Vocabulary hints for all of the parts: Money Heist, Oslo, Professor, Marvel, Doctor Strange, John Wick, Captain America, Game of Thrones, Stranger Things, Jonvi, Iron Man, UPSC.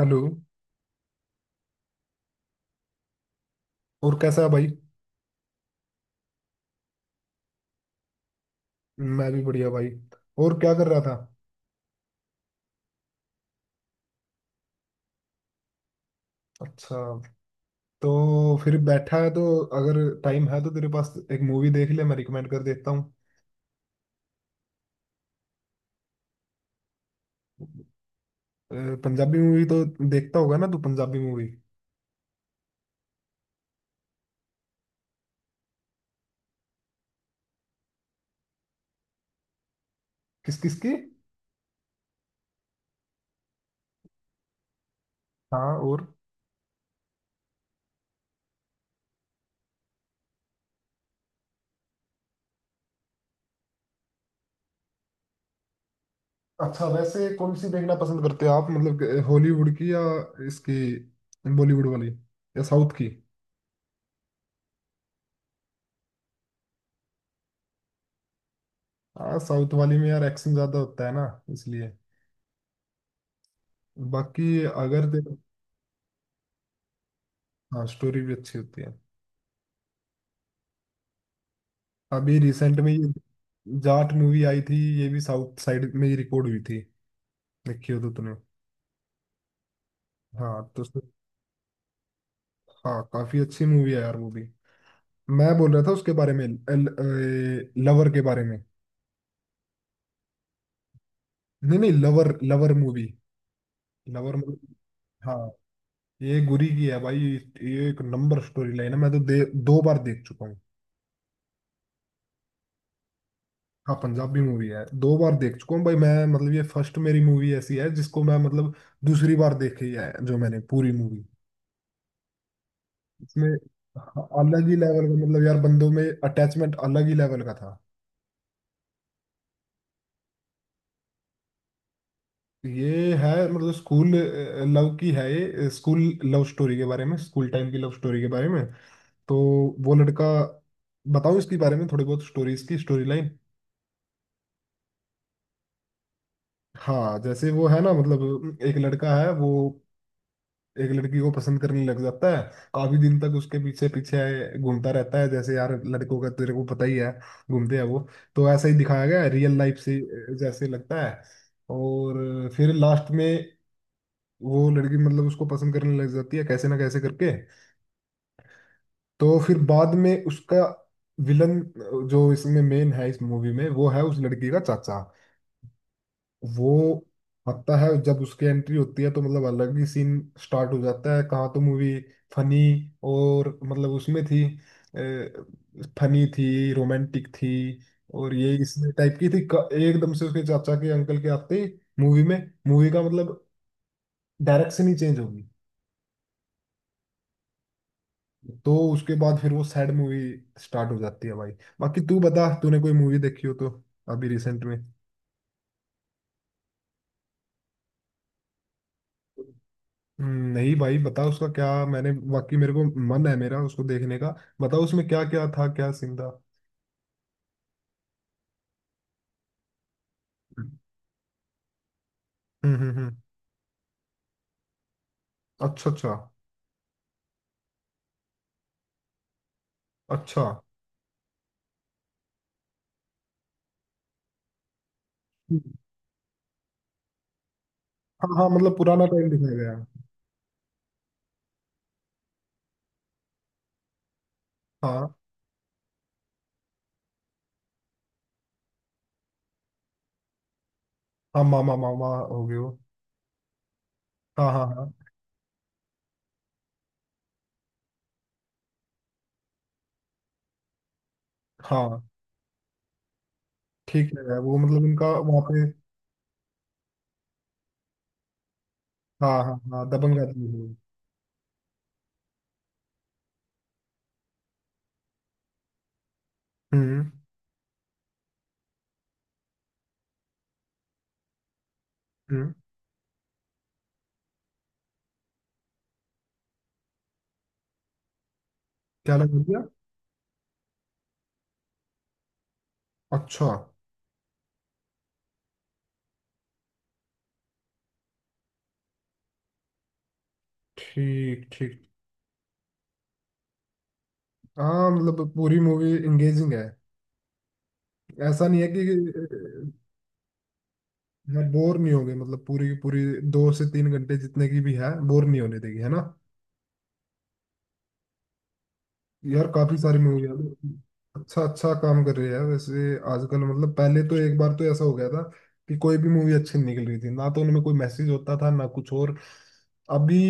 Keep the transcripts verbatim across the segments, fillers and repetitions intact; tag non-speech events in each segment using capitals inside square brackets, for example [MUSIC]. Hello. और कैसा है भाई। मैं भी बढ़िया भाई। और क्या कर रहा था। अच्छा, तो फिर बैठा है तो, अगर टाइम है तो तेरे पास, एक मूवी देख ले, मैं रिकमेंड कर देता हूँ। अ, पंजाबी मूवी तो देखता होगा ना तू, पंजाबी मूवी। किस किस की। हाँ, और? अच्छा, वैसे कौन सी देखना पसंद करते हो आप, मतलब कि हॉलीवुड की या इसकी, बॉलीवुड वाली या साउथ की। हाँ, साउथ वाली में यार एक्शन ज्यादा होता है ना, इसलिए। बाकी अगर तेरे। हाँ, स्टोरी भी अच्छी होती है। अभी रिसेंट में ये जाट मूवी आई थी, ये भी साउथ साइड में ही रिकॉर्ड हुई थी, देखी हो तो तूने। हाँ तो उसमें। हाँ, काफी अच्छी मूवी है यार वो भी। मैं बोल रहा था उसके बारे में, लवर के बारे में। नहीं नहीं, lover, lover movie. Lover movie. हाँ, ये गुरी की है भाई, ये एक नंबर स्टोरी लाइन है, मैं तो दे, दो बार देख चुका हूँ। हाँ, पंजाबी मूवी है, दो बार देख चुका हूँ भाई मैं, मतलब ये फर्स्ट मेरी मूवी ऐसी है जिसको मैं मतलब दूसरी बार देखी है, जो मैंने पूरी मूवी। इसमें अलग ही लेवल का, मतलब यार बंदों में अटैचमेंट अलग ही लेवल का था। ये है मतलब स्कूल लव की है, ये स्कूल लव स्टोरी के बारे में, स्कूल टाइम की लव स्टोरी के बारे में। तो वो लड़का, बताऊं इसके बारे में थोड़ी बहुत स्टोरीज की स्टोरी लाइन। हाँ जैसे, वो है ना, मतलब एक लड़का है वो, एक लड़की को पसंद करने लग जाता है, काफी दिन तक उसके पीछे पीछे घूमता रहता है, जैसे यार लड़कों का तेरे को पता ही है, घूमते हैं वो। तो ऐसा ही दिखाया गया है, रियल लाइफ से जैसे लगता है। और फिर लास्ट में वो लड़की मतलब उसको पसंद करने लग जाती है, कैसे ना कैसे करके। तो फिर बाद में उसका विलन, जो इसमें मेन है इस मूवी में, वो है उस लड़की का चाचा। वो आता है जब, उसकी एंट्री होती है तो मतलब अलग ही सीन स्टार्ट हो जाता है। कहाँ तो मूवी फनी, और मतलब उसमें थी, फनी थी, रोमांटिक थी, और ये इसमें टाइप की थी, क- एकदम से उसके चाचा के अंकल के आते ही, मूवी में, मूवी का मतलब डायरेक्शन ही चेंज होगी। तो उसके बाद फिर वो सैड मूवी स्टार्ट हो जाती है भाई। बाकी तू बता, तूने कोई मूवी देखी हो तो, अभी रिसेंट में। हम्म, नहीं भाई, बता उसका क्या, मैंने वाकई मेरे को मन है मेरा उसको देखने का। बताओ उसमें क्या क्या था, क्या सीन था। हम्म हम्म हम्म। अच्छा अच्छा अच्छा। हम्म। हाँ हाँ, मतलब पुराना टाइम दिखाया गया है। हाँ हाँ, मामा मामा हो गए वो। हाँ हाँ हाँ हाँ। ठीक है, वो मतलब उनका वहाँ पे। हाँ हाँ हाँ, दबंग आदमी है वो। हम्म हम्म। क्या लगा दिया। अच्छा। ठीक ठीक। हाँ मतलब पूरी मूवी एंगेजिंग है, ऐसा नहीं है कि। हाँ, बोर नहीं होंगे, मतलब पूरी की पूरी दो से तीन घंटे जितने की भी है, बोर नहीं होने देगी, है ना। यार काफी सारी मूवी है, अच्छा अच्छा काम कर रही है वैसे आजकल। मतलब पहले तो एक बार तो ऐसा हो गया था, कि कोई भी मूवी अच्छी नहीं निकल रही थी ना, तो उनमें कोई मैसेज होता था ना कुछ और। अभी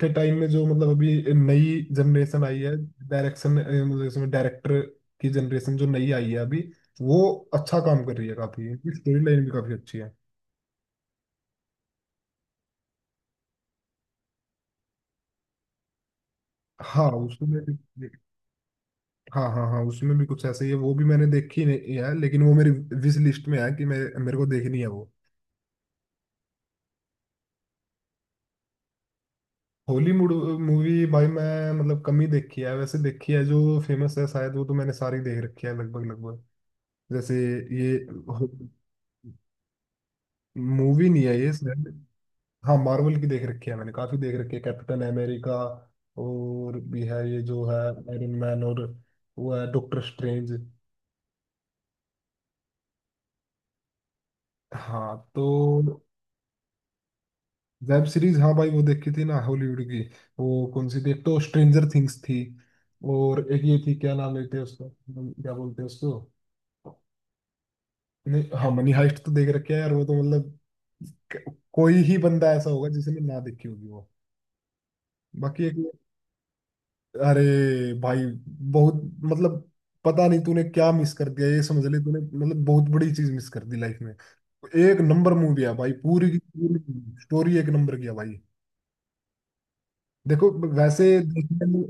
के टाइम में जो मतलब, अभी नई जनरेशन आई है, डायरेक्शन, मतलब इसमें डायरेक्टर की जनरेशन जो नई आई है अभी, वो अच्छा काम कर रही है काफी, इसकी स्टोरी लाइन भी काफी अच्छी है। हाँ उसमें। हाँ हाँ हाँ, उसमें भी कुछ ऐसा ही है, वो भी मैंने देखी नहीं है, लेकिन वो मेरी विश लिस्ट में है कि मैं, मेरे को देखनी है वो। हॉलीवुड मूवी भाई मैं मतलब कम ही देखी है, वैसे देखी है जो फेमस है शायद, वो तो मैंने सारी देख रखी है, लगभग लगभग। जैसे ये मूवी नहीं है ये शायद। हाँ, मार्वल की देख रखी है मैंने, काफी देख रखी है, कैप्टन अमेरिका और भी है, ये जो है आयरन मैन और वो है, डॉक्टर स्ट्रेंज। हाँ तो, वेब सीरीज हाँ भाई, वो देखी थी ना हॉलीवुड की, वो कौन सी थी, एक तो स्ट्रेंजर थिंग्स थी, और एक ये थी, क्या नाम लेते हैं उसका, हम क्या बोलते हैं उसको। नहीं, हाँ मनी हाइस्ट तो देख रखे है यार, वो तो मतलब क- कोई ही बंदा ऐसा होगा जिसने ना देखी होगी वो। बाकी एक, अरे भाई बहुत मतलब, पता नहीं तूने क्या मिस कर दिया, ये समझ ले तूने मतलब बहुत बड़ी चीज मिस कर दी लाइफ में। एक नंबर मूवी है भाई, पूरी की पूरी स्टोरी एक नंबर की है भाई। देखो वैसे देखने में,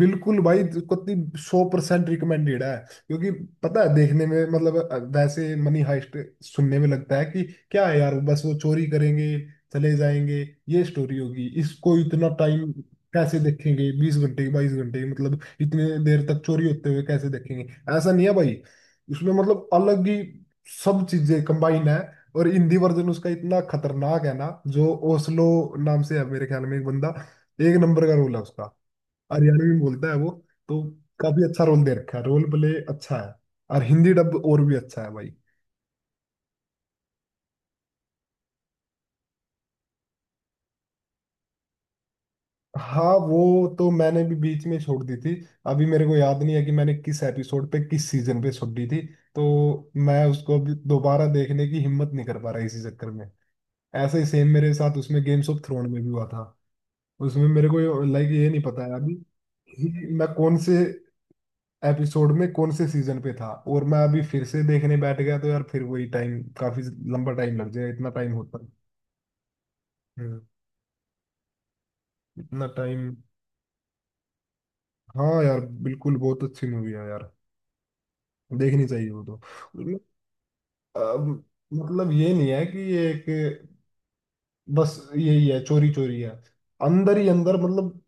बिल्कुल भाई इसको सौ परसेंट रिकमेंडेड है, क्योंकि पता है देखने में मतलब, वैसे मनी हाइस्ट सुनने में लगता है कि क्या है यार, बस वो चोरी करेंगे चले जाएंगे ये स्टोरी होगी, इसको इतना टाइम कैसे देखेंगे, बीस घंटे बाईस घंटे मतलब इतने देर तक चोरी होते हुए कैसे देखेंगे। ऐसा नहीं है भाई, उसमें मतलब अलग ही सब चीजें कंबाइन है, और हिंदी वर्जन उसका इतना खतरनाक है ना, जो ओस्लो नाम से है मेरे ख्याल में एक बंदा, एक नंबर का रोल है उसका, हरियाणवी में बोलता है वो। तो काफी अच्छा रोल दे रखा है, रोल प्ले अच्छा है, और हिंदी डब और भी अच्छा है भाई। हाँ वो तो मैंने भी बीच में छोड़ दी थी, अभी मेरे को याद नहीं है कि मैंने किस एपिसोड पे किस सीजन पे छोड़ दी थी, तो मैं उसको अभी दोबारा देखने की हिम्मत नहीं कर पा रहा इसी चक्कर में। ऐसे ही सेम मेरे साथ उसमें गेम्स ऑफ थ्रोन में भी हुआ था, उसमें मेरे को लाइक ये नहीं पता है अभी कि मैं कौन से एपिसोड में कौन से सीजन पे था, और मैं अभी फिर से देखने बैठ गया तो यार फिर वही टाइम, काफी लंबा टाइम लग जाएगा, इतना टाइम होता है? हम्म, इतना टाइम। हाँ यार बिल्कुल, बहुत अच्छी मूवी है यार, देखनी चाहिए वो तो। मतलब अ, मतलब ये नहीं है कि ये एक, बस यही है, चोरी चोरी है अंदर ही अंदर, मतलब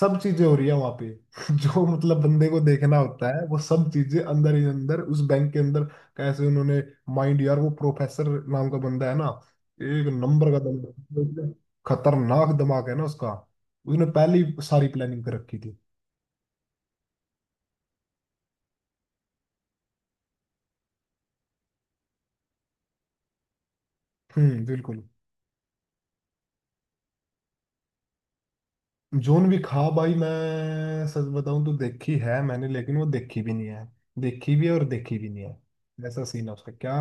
सब चीजें हो रही है वहां पे [LAUGHS] जो मतलब बंदे को देखना होता है, वो सब चीजें अंदर ही अंदर उस बैंक के अंदर, कैसे उन्होंने माइंड, यार वो प्रोफेसर नाम का बंदा है ना, एक नंबर का बंदा, खतरनाक दिमाग है ना उसका, उसने पहले ही सारी प्लानिंग कर रखी थी। हम्म, बिल्कुल। जोन भी खा भाई, मैं सच बताऊं तो देखी है मैंने, लेकिन वो देखी भी नहीं है, देखी भी है और देखी भी नहीं है। ऐसा सीन है उसका क्या,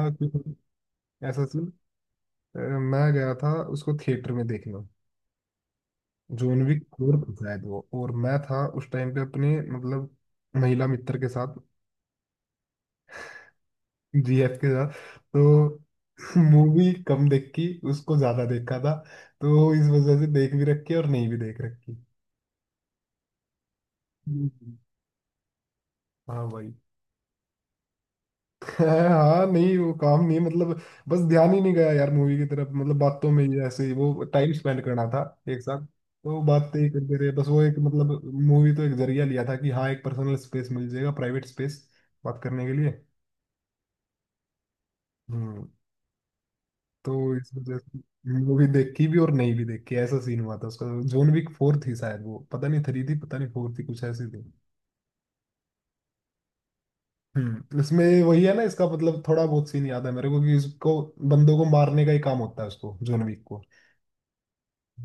ऐसा सीन, मैं गया था उसको थिएटर में देखने, जोनवी कपूर था शायद वो, और मैं था उस टाइम पे अपने मतलब महिला मित्र के साथ, जी एफ के साथ, तो [LAUGHS] मूवी कम देखी, उसको ज्यादा देखा था, तो इस वजह से देख भी रखी और नहीं भी देख रखी। हम्म। हाँ भाई। [LAUGHS] हाँ नहीं, वो काम नहीं है, मतलब बस ध्यान ही नहीं गया यार मूवी की तरफ, मतलब बातों में ही ऐसे ही वो टाइम स्पेंड करना था एक साथ, तो बातें ही करते रहे बस, वो एक मतलब मूवी तो एक जरिया लिया था कि हाँ एक पर्सनल स्पेस मिल जाएगा, प्राइवेट स्पेस बात करने के लिए। हम्म, तो इस वजह से मूवी देखी भी और नहीं भी देखी, ऐसा सीन हुआ था उसका। जोन विक फोर थी शायद वो, पता नहीं थ्री थी पता नहीं फोर थी, कुछ ऐसी थी। हम्म, इसमें वही है ना इसका, मतलब थोड़ा बहुत सीन याद है मेरे को कि इसको, बंदों को मारने का ही काम होता है उसको जोन विक को,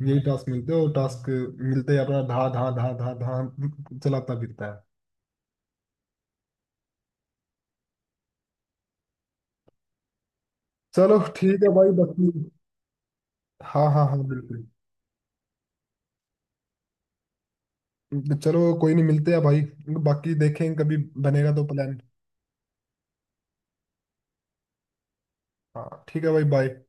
यही टास्क मिलते हैं, और टास्क मिलते ही अपना धा धा धा धा धा चलाता फिरता है। चलो ठीक है भाई, बाकी हाँ हाँ हाँ बिल्कुल। चलो कोई नहीं, मिलते हैं भाई, बाकी देखें कभी, बनेगा तो प्लान। हाँ ठीक है भाई, बाय।